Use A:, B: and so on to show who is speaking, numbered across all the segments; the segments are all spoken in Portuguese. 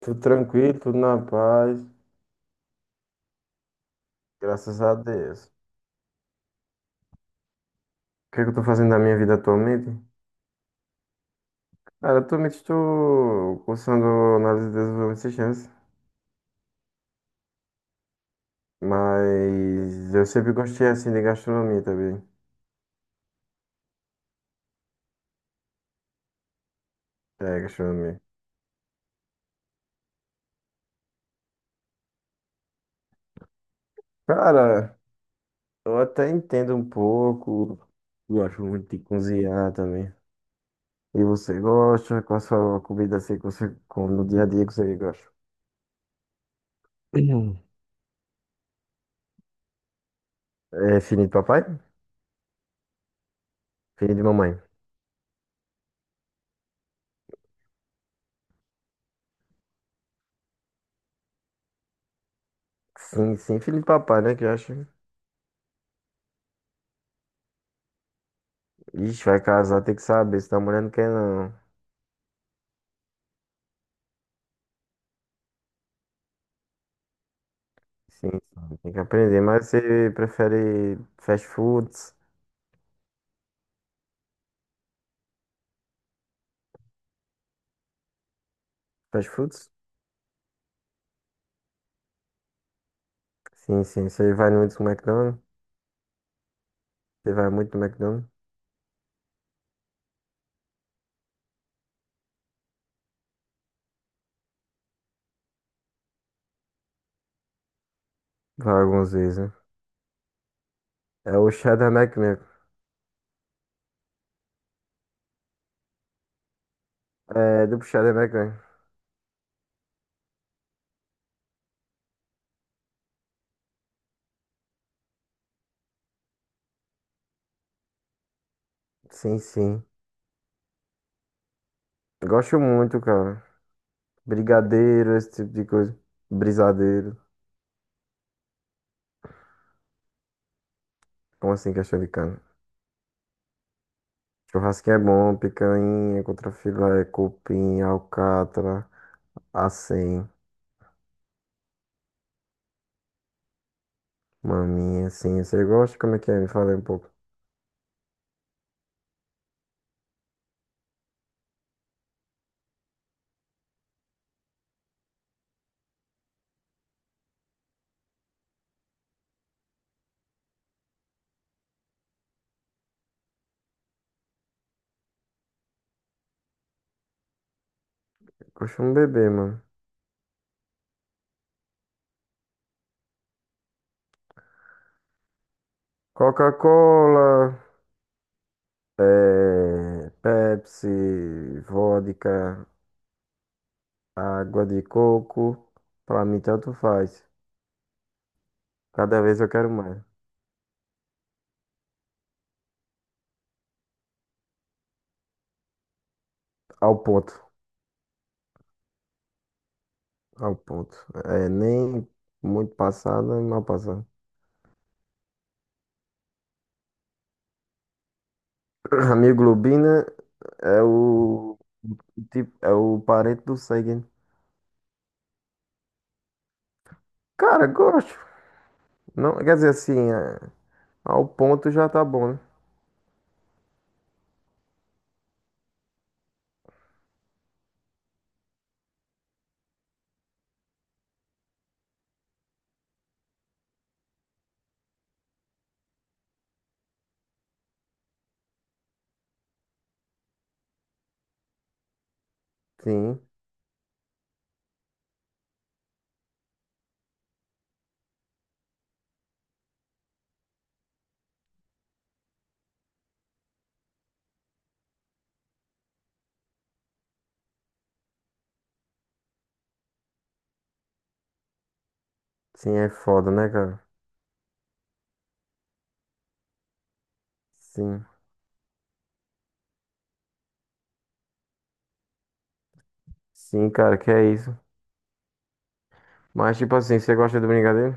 A: Tudo tranquilo, tudo na paz, graças a Deus. O que é que eu tô fazendo da minha vida atualmente? Cara, atualmente estou cursando análise de desenvolvimento de sistemas, mas eu sempre gostei assim de gastronomia também. É, gastronomia. Cara, eu até entendo um pouco, gosto muito de cozinhar também. E você gosta? Qual a sua comida assim que você come no dia a dia que você gosta? É filhinho de papai? Filhinho de mamãe? Sim, sim, filho de papai, né, que eu acho. Ixi, vai casar, tem que saber se tá mulher não quer não. Sim, sim, tem que aprender. Mas você prefere fast foods? Fast foods? Sim, sim. Você vai muito no McDonald's? Você vai muito no McDonald's? Vai algumas vezes, né? É o Shadow Mac mesmo. É, do Shadow Mac mesmo. Sim, sim. Gosto muito, cara. Brigadeiro, esse tipo de coisa. Brisadeiro. Como assim, questão de cana? Churrasquinho é bom, picanha, contrafilé, cupim, alcatra, assim. Maminha, assim, você gosta? Como é que é? Me fala aí um pouco. Eu costumo beber, mano. Coca-Cola, Pepsi, vodka, água de coco. Pra mim, tanto faz. Cada vez eu quero mais. Ao ponto, ao ponto. É nem muito passada, nem mal passada. A mioglobina é o tipo, é o parente do sangue. Né? Cara, gosto. Não, quer dizer assim, é, ao ponto já tá bom, né? Sim. Sim, é foda, né, cara? Sim. Sim, cara, que é isso. Mas, tipo assim, você gosta do brigadeiro?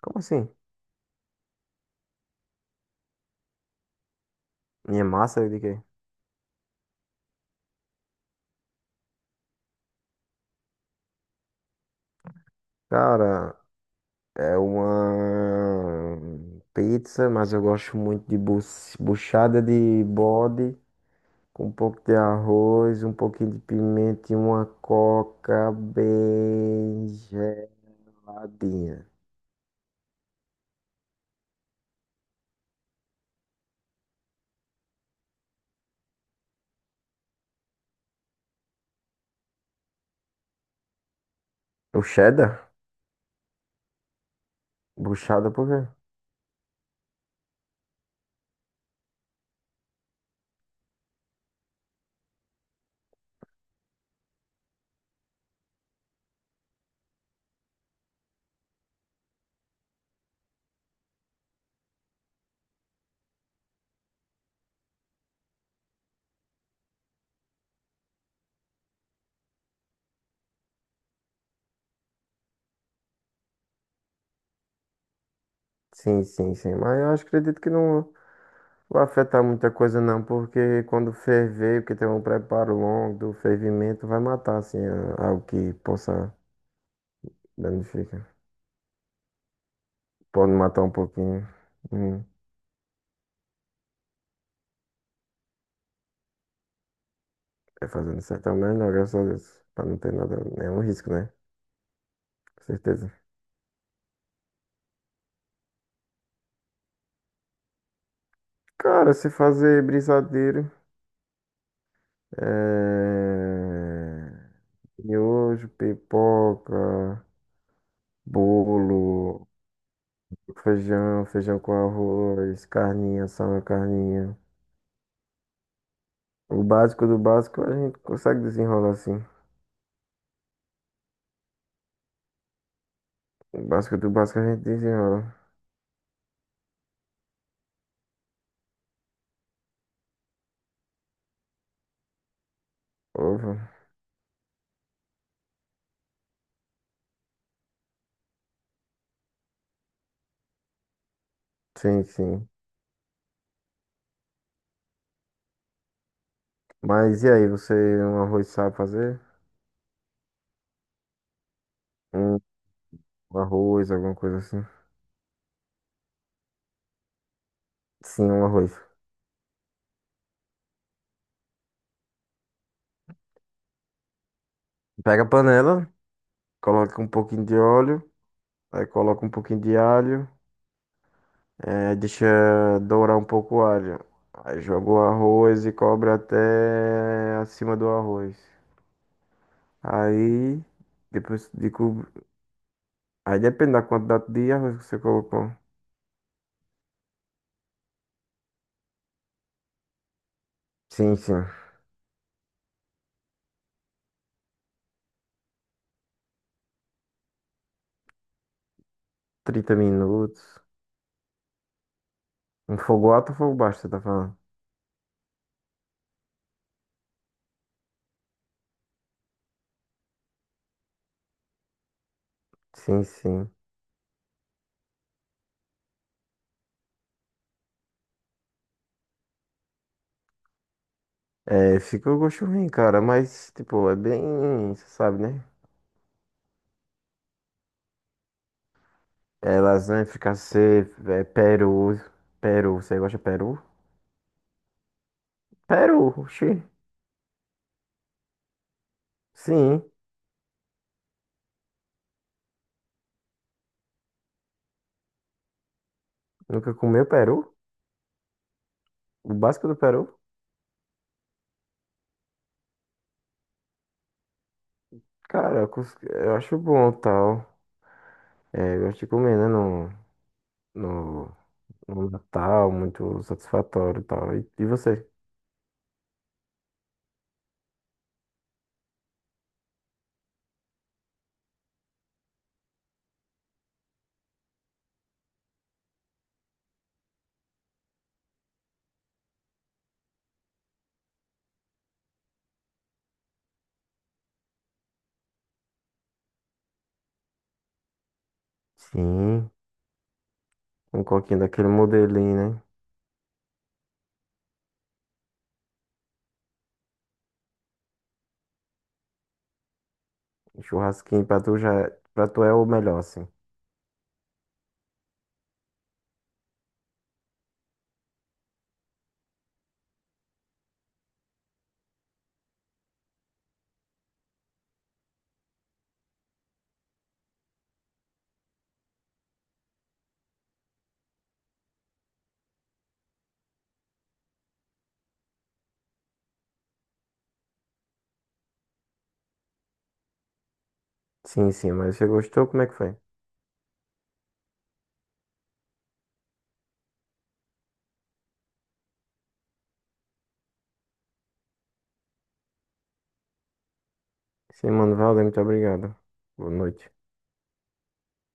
A: Como assim? Minha massa de quê? Cara, é uma pizza, mas eu gosto muito de buchada de bode, com um pouco de arroz, um pouquinho de pimenta e uma coca bem geladinha. O cheddar? Buchada por quê? Sim, sim, sim. Mas eu acho, acredito que não. Não afeta muita coisa não, porque quando ferver, porque tem um preparo longo do fervimento, vai matar assim algo que possa danificar. Pode matar um pouquinho. Hum. É fazendo certo é o melhor, graças a Deus. Pra não ter nada, nenhum risco, né? Com certeza. Cara, se fazer brisadeiro, é... miojo, pipoca, bolo, feijão, feijão com arroz, carninha, só uma carninha. O básico do básico a gente consegue desenrolar assim. O básico do básico a gente desenrola. Ovo. Sim, sim. Mas e aí, você um arroz sabe fazer? Um arroz, alguma coisa assim? Sim, um arroz. Pega a panela, coloca um pouquinho de óleo, aí coloca um pouquinho de alho, deixa dourar um pouco o alho. Aí joga o arroz e cobre até acima do arroz. Aí, depois de cobrir. Aí depende da quantidade de arroz que você colocou. Sim, sim. 30 minutos. Um fogo alto ou fogo baixo, você tá falando? Sim, sim. É, fica o gosto ruim, cara, mas, tipo, é bem, você sabe, né? É lasanha, fricassê, é peru. Peru, você gosta de peru? Peru, oxi. Sim. Nunca comeu peru? O básico do peru? Cara, eu acho bom, tal. É, eu gosto de comer, né, no, no, no Natal, muito satisfatório, e tal. E você? Sim, um coquinho daquele modelinho, né? Um churrasquinho pra tu já, pra tu é o melhor, assim. Sim, sim, mas você gostou? Como é que foi? Sim, mano, valeu, muito obrigado. Boa noite.